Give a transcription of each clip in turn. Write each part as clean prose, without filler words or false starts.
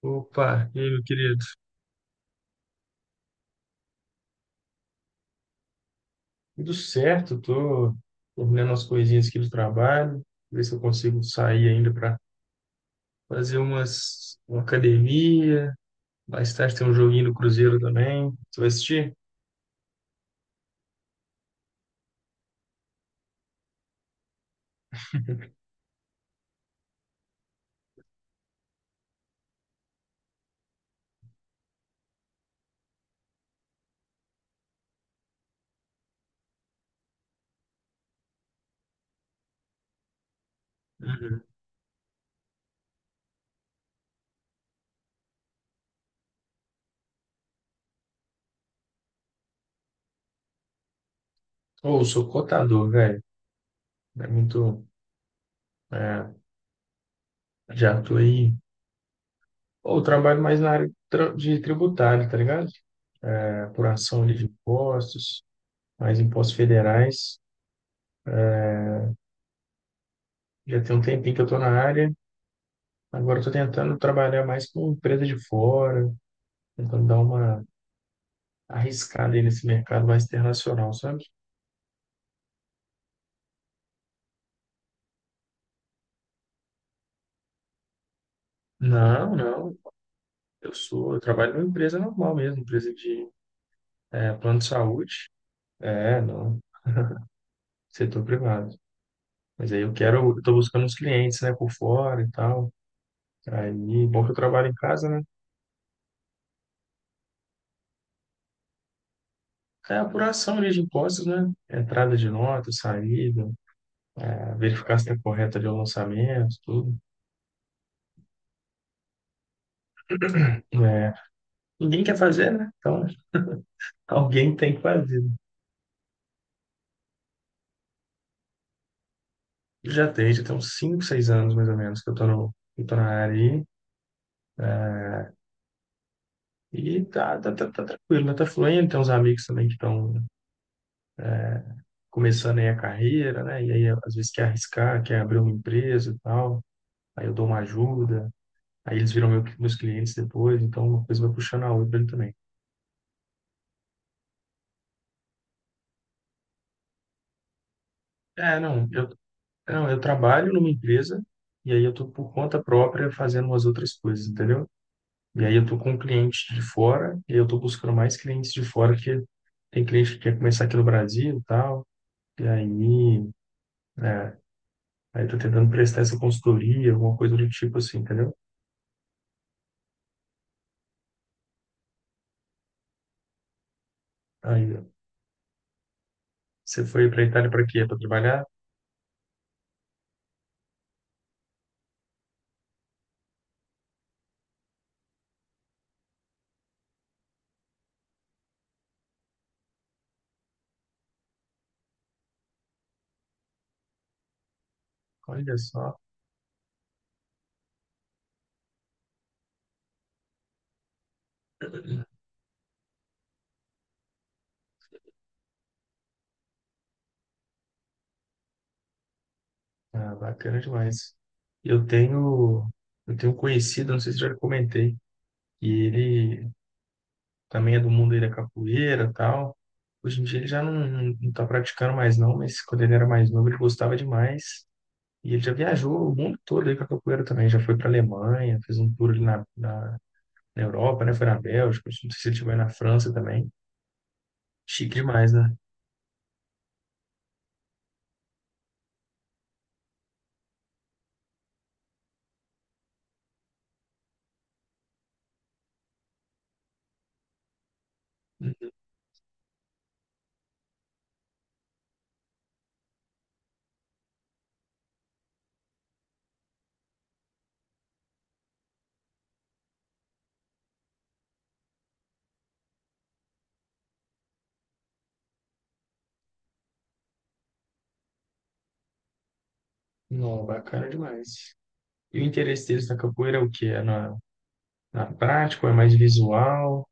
Opa, e aí, meu querido? Tudo certo, tô terminando as coisinhas aqui do trabalho, ver se eu consigo sair ainda para fazer uma academia. Mais tarde tem um joguinho do Cruzeiro também. Você vai assistir? Uhum. Ou sou cotador, velho. É muito. É, já tô aí. Ou trabalho mais na área de tributário, tá ligado? É, apuração ali de impostos, mais impostos federais. Já tem um tempinho que eu tô na área. Agora eu tô tentando trabalhar mais com empresa de fora. Tentando dar uma arriscada aí nesse mercado mais internacional, sabe? Não, não. Eu trabalho numa empresa normal mesmo, empresa de plano de saúde. É, não, setor privado. Mas aí eu quero, eu tô buscando uns clientes, né, por fora e tal. Aí, bom que eu trabalho em casa, né? É a apuração ali de impostos, né? Entrada de nota, saída, é, verificar se está correta ali o lançamento, tudo. É, ninguém quer fazer, né? Então, alguém tem que fazer. Já tem uns 5 6 anos mais ou menos que eu tô, no, que eu tô na área aí. E tá tranquilo, né? Tá fluindo. Tem uns amigos também que estão começando aí a carreira, né? E aí às vezes quer arriscar, quer abrir uma empresa e tal. Aí eu dou uma ajuda. Aí eles viram meus clientes depois. Então uma coisa vai puxando a outra ali também. É, não, eu trabalho numa empresa e aí eu tô por conta própria fazendo umas outras coisas, entendeu? E aí eu tô com um cliente de fora, e aí eu tô buscando mais clientes de fora, que tem cliente que quer começar aqui no Brasil e tal. E aí, é, aí tô tentando prestar essa consultoria, alguma coisa do tipo assim, entendeu? Aí, ó, você foi para Itália para quê? Para trabalhar? Olha só, ah, bacana demais. Eu tenho, eu tenho um conhecido, não sei se já comentei, e ele também é do mundo aí da capoeira e tal. Hoje em dia ele já não, não tá praticando mais não, mas quando ele era mais novo ele gostava demais. E ele já viajou o mundo todo aí com a capoeira também. Já foi para a Alemanha, fez um tour ali na Europa, né? Foi na Bélgica, não sei se ele chegou aí na França também. Chique demais, né? Não, bacana demais. E o interesse deles na capoeira é o quê? É na prática, ou é mais visual?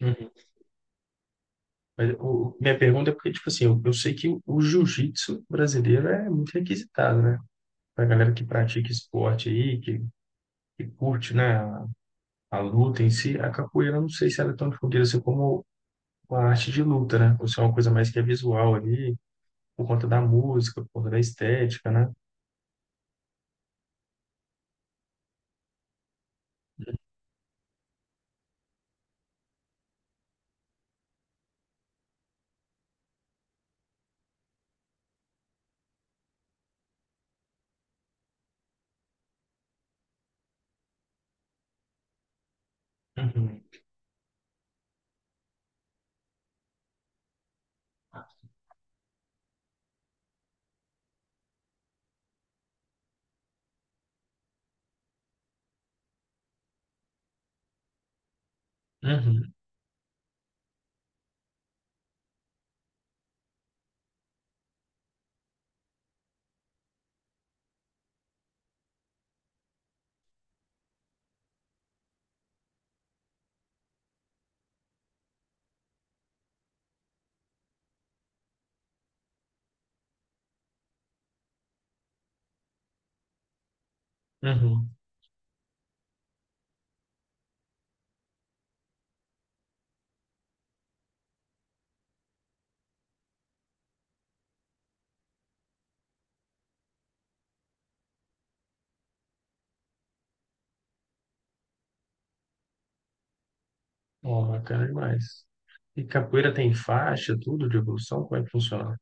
Uhum. Mas minha pergunta é porque, tipo assim, eu sei que o jiu-jitsu brasileiro é muito requisitado, né? Pra galera que pratica esporte aí, que curte, né, a luta em si, a capoeira, eu não sei se ela é tão difundida assim como com a arte de luta, né? Por ser uma coisa mais que é visual ali, por conta da música, por conta da estética, né? Uhum, uhum, uhum. Ó, bacana demais. E capoeira tem faixa, tudo de evolução? Como é que funciona?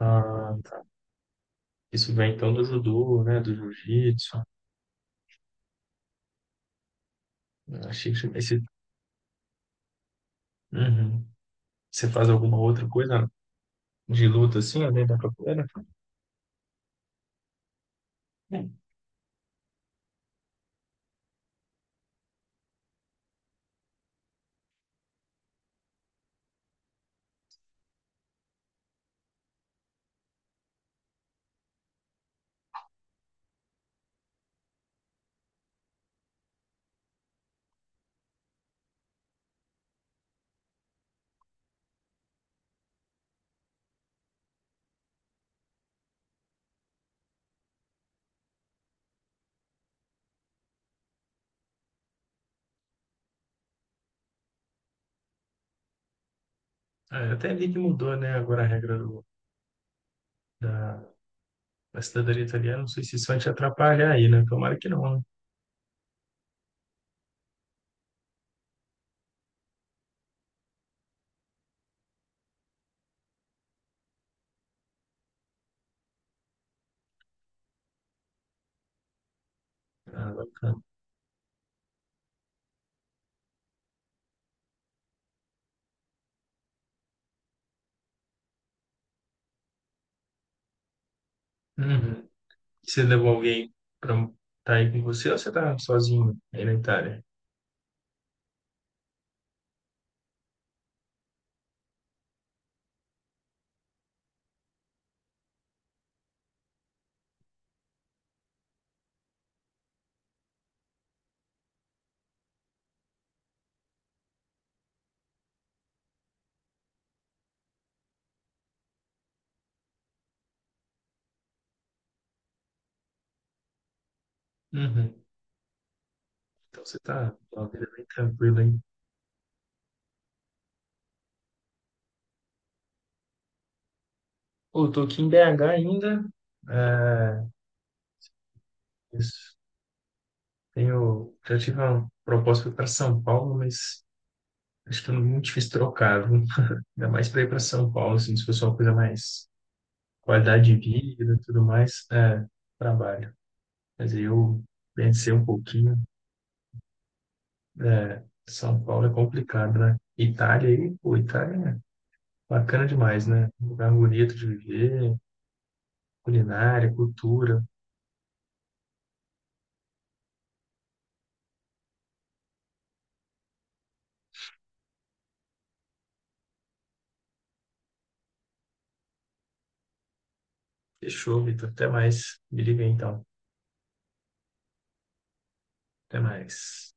Ah, tá. Isso vem então do judô, né? Do jiu-jitsu. Achei que esse... Uhum. Você faz alguma outra coisa de luta assim, além da capoeira? Sim. Ah, eu até vi que mudou, né? Agora a regra da, da cidadania italiana. Não sei se isso vai te atrapalhar aí, né? Tomara que não, né? Ah, bacana. Uhum. Você levou alguém para estar aí com você ou você tá sozinho aí na Itália? Uhum. Então você tá uma vida bem tranquila, hein? Pô, eu tô aqui em BH ainda. É, isso. Tenho, já tive uma proposta para São Paulo, mas acho que é muito difícil trocar, viu? Ainda mais para ir para São Paulo, assim, se fosse uma coisa mais qualidade de vida e tudo mais, é, trabalho. Mas aí eu pensei um pouquinho, é, São Paulo é complicado, né? Itália aí, pô, Itália. Bacana demais, né? Um lugar bonito de viver, culinária, cultura. Fechou, Vitor. Até mais. Me liga aí, então. Até mais.